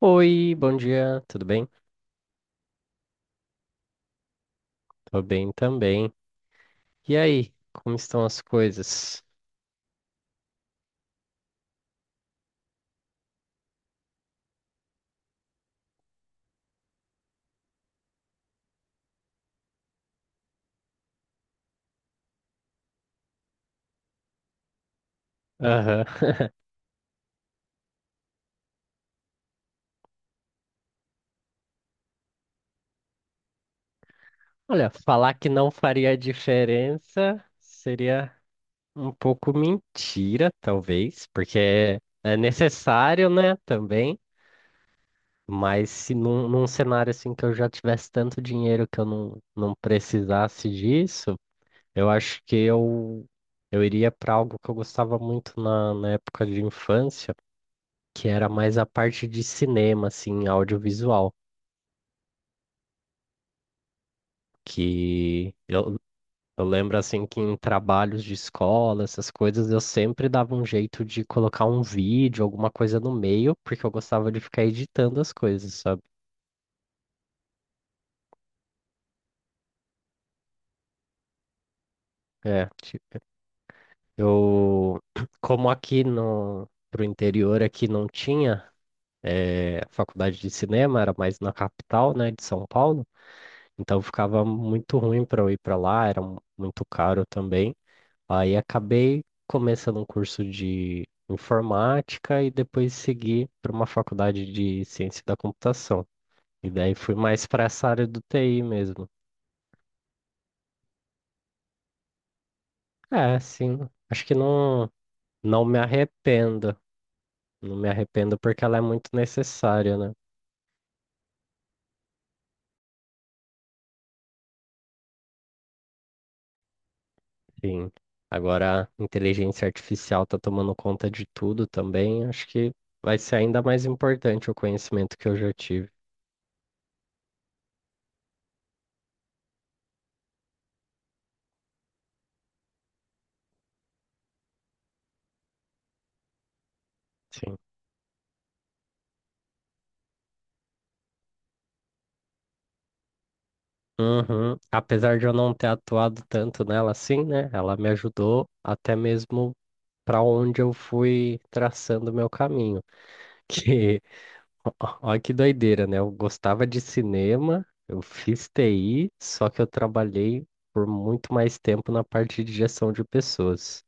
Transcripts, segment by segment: Oi, bom dia, tudo bem? Tô bem também. E aí, como estão as coisas? Aham. Olha, falar que não faria diferença seria um pouco mentira, talvez, porque é é necessário, né, também. Mas se num cenário assim que eu já tivesse tanto dinheiro que eu não precisasse disso, eu acho que eu, eu iria para algo que eu gostava muito na época de infância, que era mais a parte de cinema, assim, audiovisual, que eu lembro, assim, que em trabalhos de escola, essas coisas, eu sempre dava um jeito de colocar um vídeo, alguma coisa no meio, porque eu gostava de ficar editando as coisas, sabe? É, tipo, eu, como aqui no... Pro interior aqui não tinha faculdade de cinema, era mais na capital, né, de São Paulo, então ficava muito ruim para eu ir para lá, era muito caro também. Aí acabei começando um curso de informática e depois segui para uma faculdade de ciência da computação. E daí fui mais para essa área do TI mesmo. É, sim, acho que não, não me arrependo. Não me arrependo porque ela é muito necessária, né? Sim. Agora a inteligência artificial está tomando conta de tudo também. Acho que vai ser ainda mais importante o conhecimento que eu já tive. Sim. Uhum. Apesar de eu não ter atuado tanto nela assim, né? Ela me ajudou até mesmo para onde eu fui traçando meu caminho. Que, olha que doideira, né? Eu gostava de cinema, eu fiz TI, só que eu trabalhei por muito mais tempo na parte de gestão de pessoas.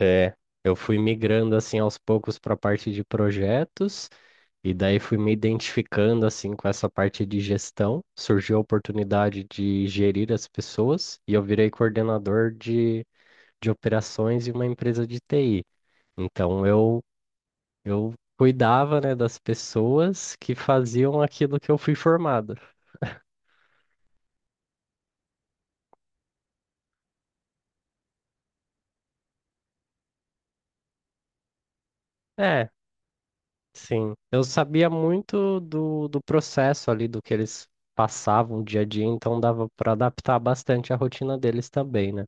É, eu fui migrando assim aos poucos para a parte de projetos. E daí fui me identificando assim com essa parte de gestão. Surgiu a oportunidade de gerir as pessoas e eu virei de operações em uma empresa de TI. Então eu cuidava, né, das pessoas que faziam aquilo que eu fui formado. É, sim. Eu sabia muito do processo ali, do que eles passavam dia a dia, então dava para adaptar bastante a rotina deles também, né?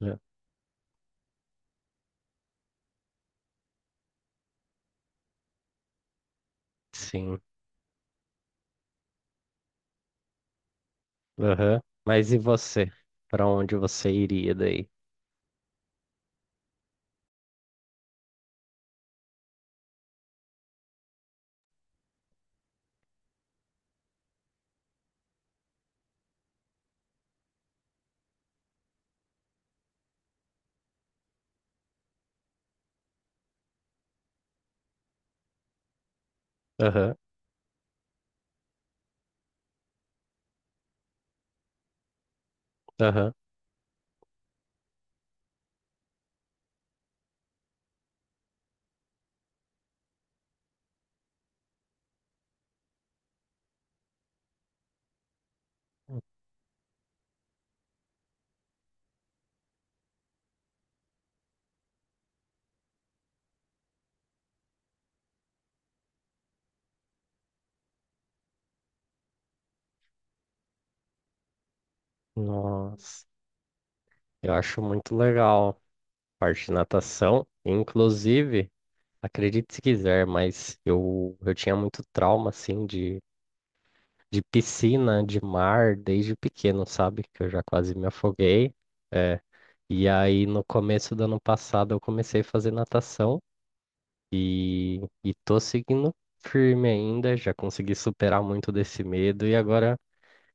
É. Sim. Aham. Mas e você? Pra onde você iria daí? Aham, aham. Nossa, eu acho muito legal a parte de natação. Inclusive, acredite se quiser, eu tinha muito trauma, assim, de piscina, de mar, desde pequeno, sabe? Que eu já quase me afoguei. É. E aí, no começo do ano passado, eu comecei a fazer natação e tô seguindo firme ainda. Já consegui superar muito desse medo e agora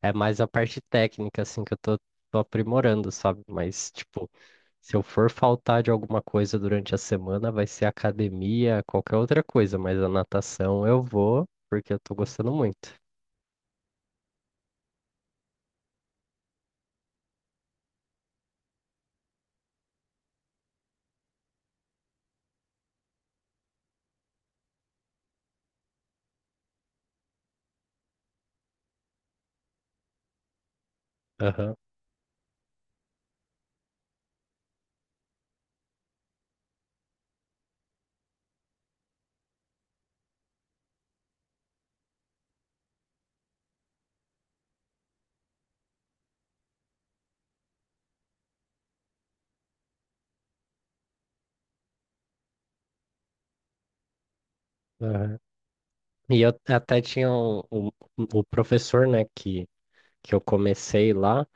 é mais a parte técnica, assim, que eu tô aprimorando, sabe? Mas, tipo, se eu for faltar de alguma coisa durante a semana, vai ser academia, qualquer outra coisa, mas a natação eu vou, porque eu tô gostando muito. Aham, aham. E eu até tinha o professor, né, que eu comecei lá,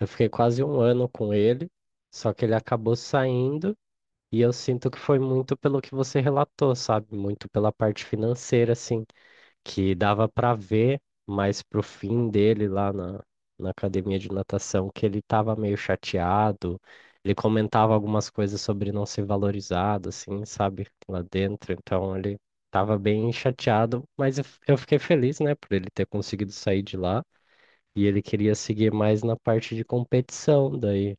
eu fiquei quase um ano com ele, só que ele acabou saindo, e eu sinto que foi muito pelo que você relatou, sabe? Muito pela parte financeira, assim, que dava para ver mais pro fim dele na academia de natação, que ele tava meio chateado. Ele comentava algumas coisas sobre não ser valorizado, assim, sabe, lá dentro. Então ele tava bem chateado, mas eu fiquei feliz, né, por ele ter conseguido sair de lá. E ele queria seguir mais na parte de competição, daí,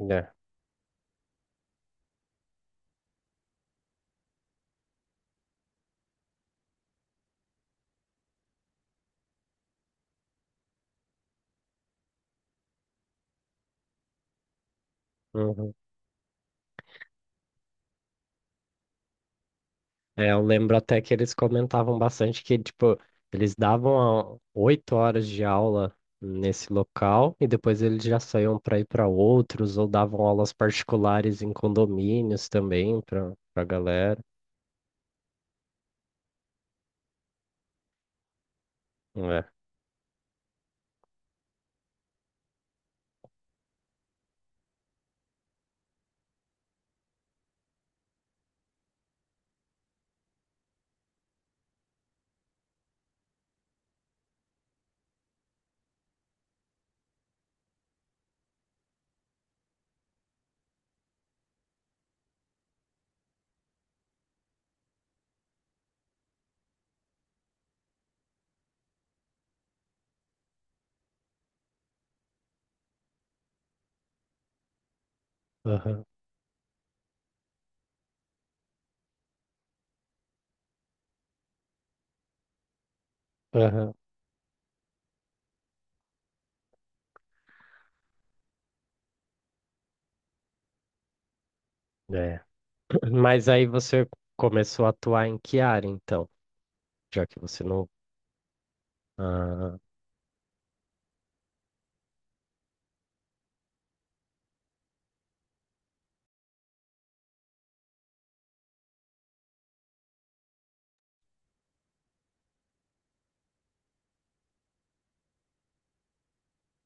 né? Uhum. É, eu lembro até que eles comentavam bastante que, tipo, eles davam 8 horas de aula nesse local e depois eles já saíam para ir para outros ou davam aulas particulares em condomínios também para galera. É. Aham, aham. É. Mas aí você começou a atuar em que área, então? Já que você não. Ah,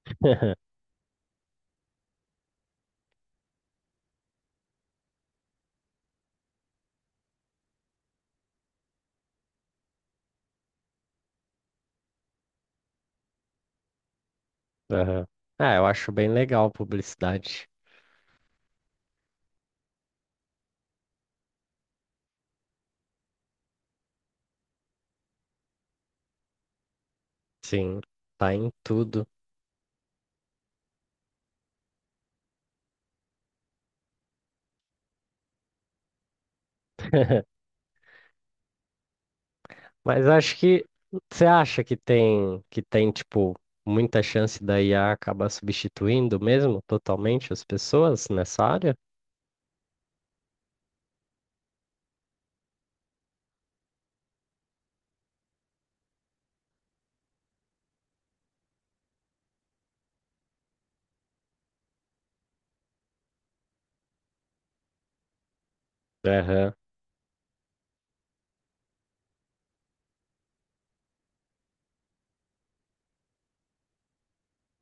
aham. Ah, eu acho bem legal publicidade. Sim, tá em tudo. Mas acho que você acha que tem tipo muita chance da IA acabar substituindo mesmo totalmente as pessoas nessa área? Aham,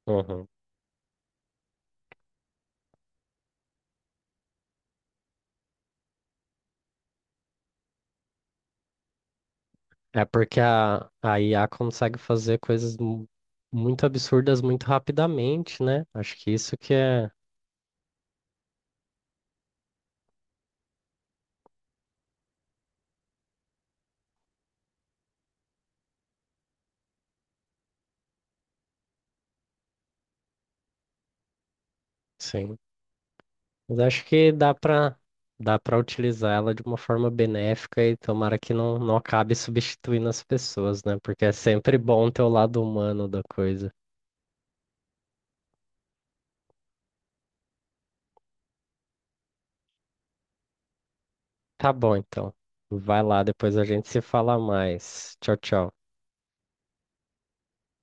uhum. É porque a IA consegue fazer coisas muito absurdas muito rapidamente, né? Acho que isso que é, sim. Mas acho que dá para utilizar ela de uma forma benéfica e tomara que não acabe substituindo as pessoas, né? Porque é sempre bom ter o lado humano da coisa. Tá bom, então. Vai lá, depois a gente se fala mais. Tchau, tchau.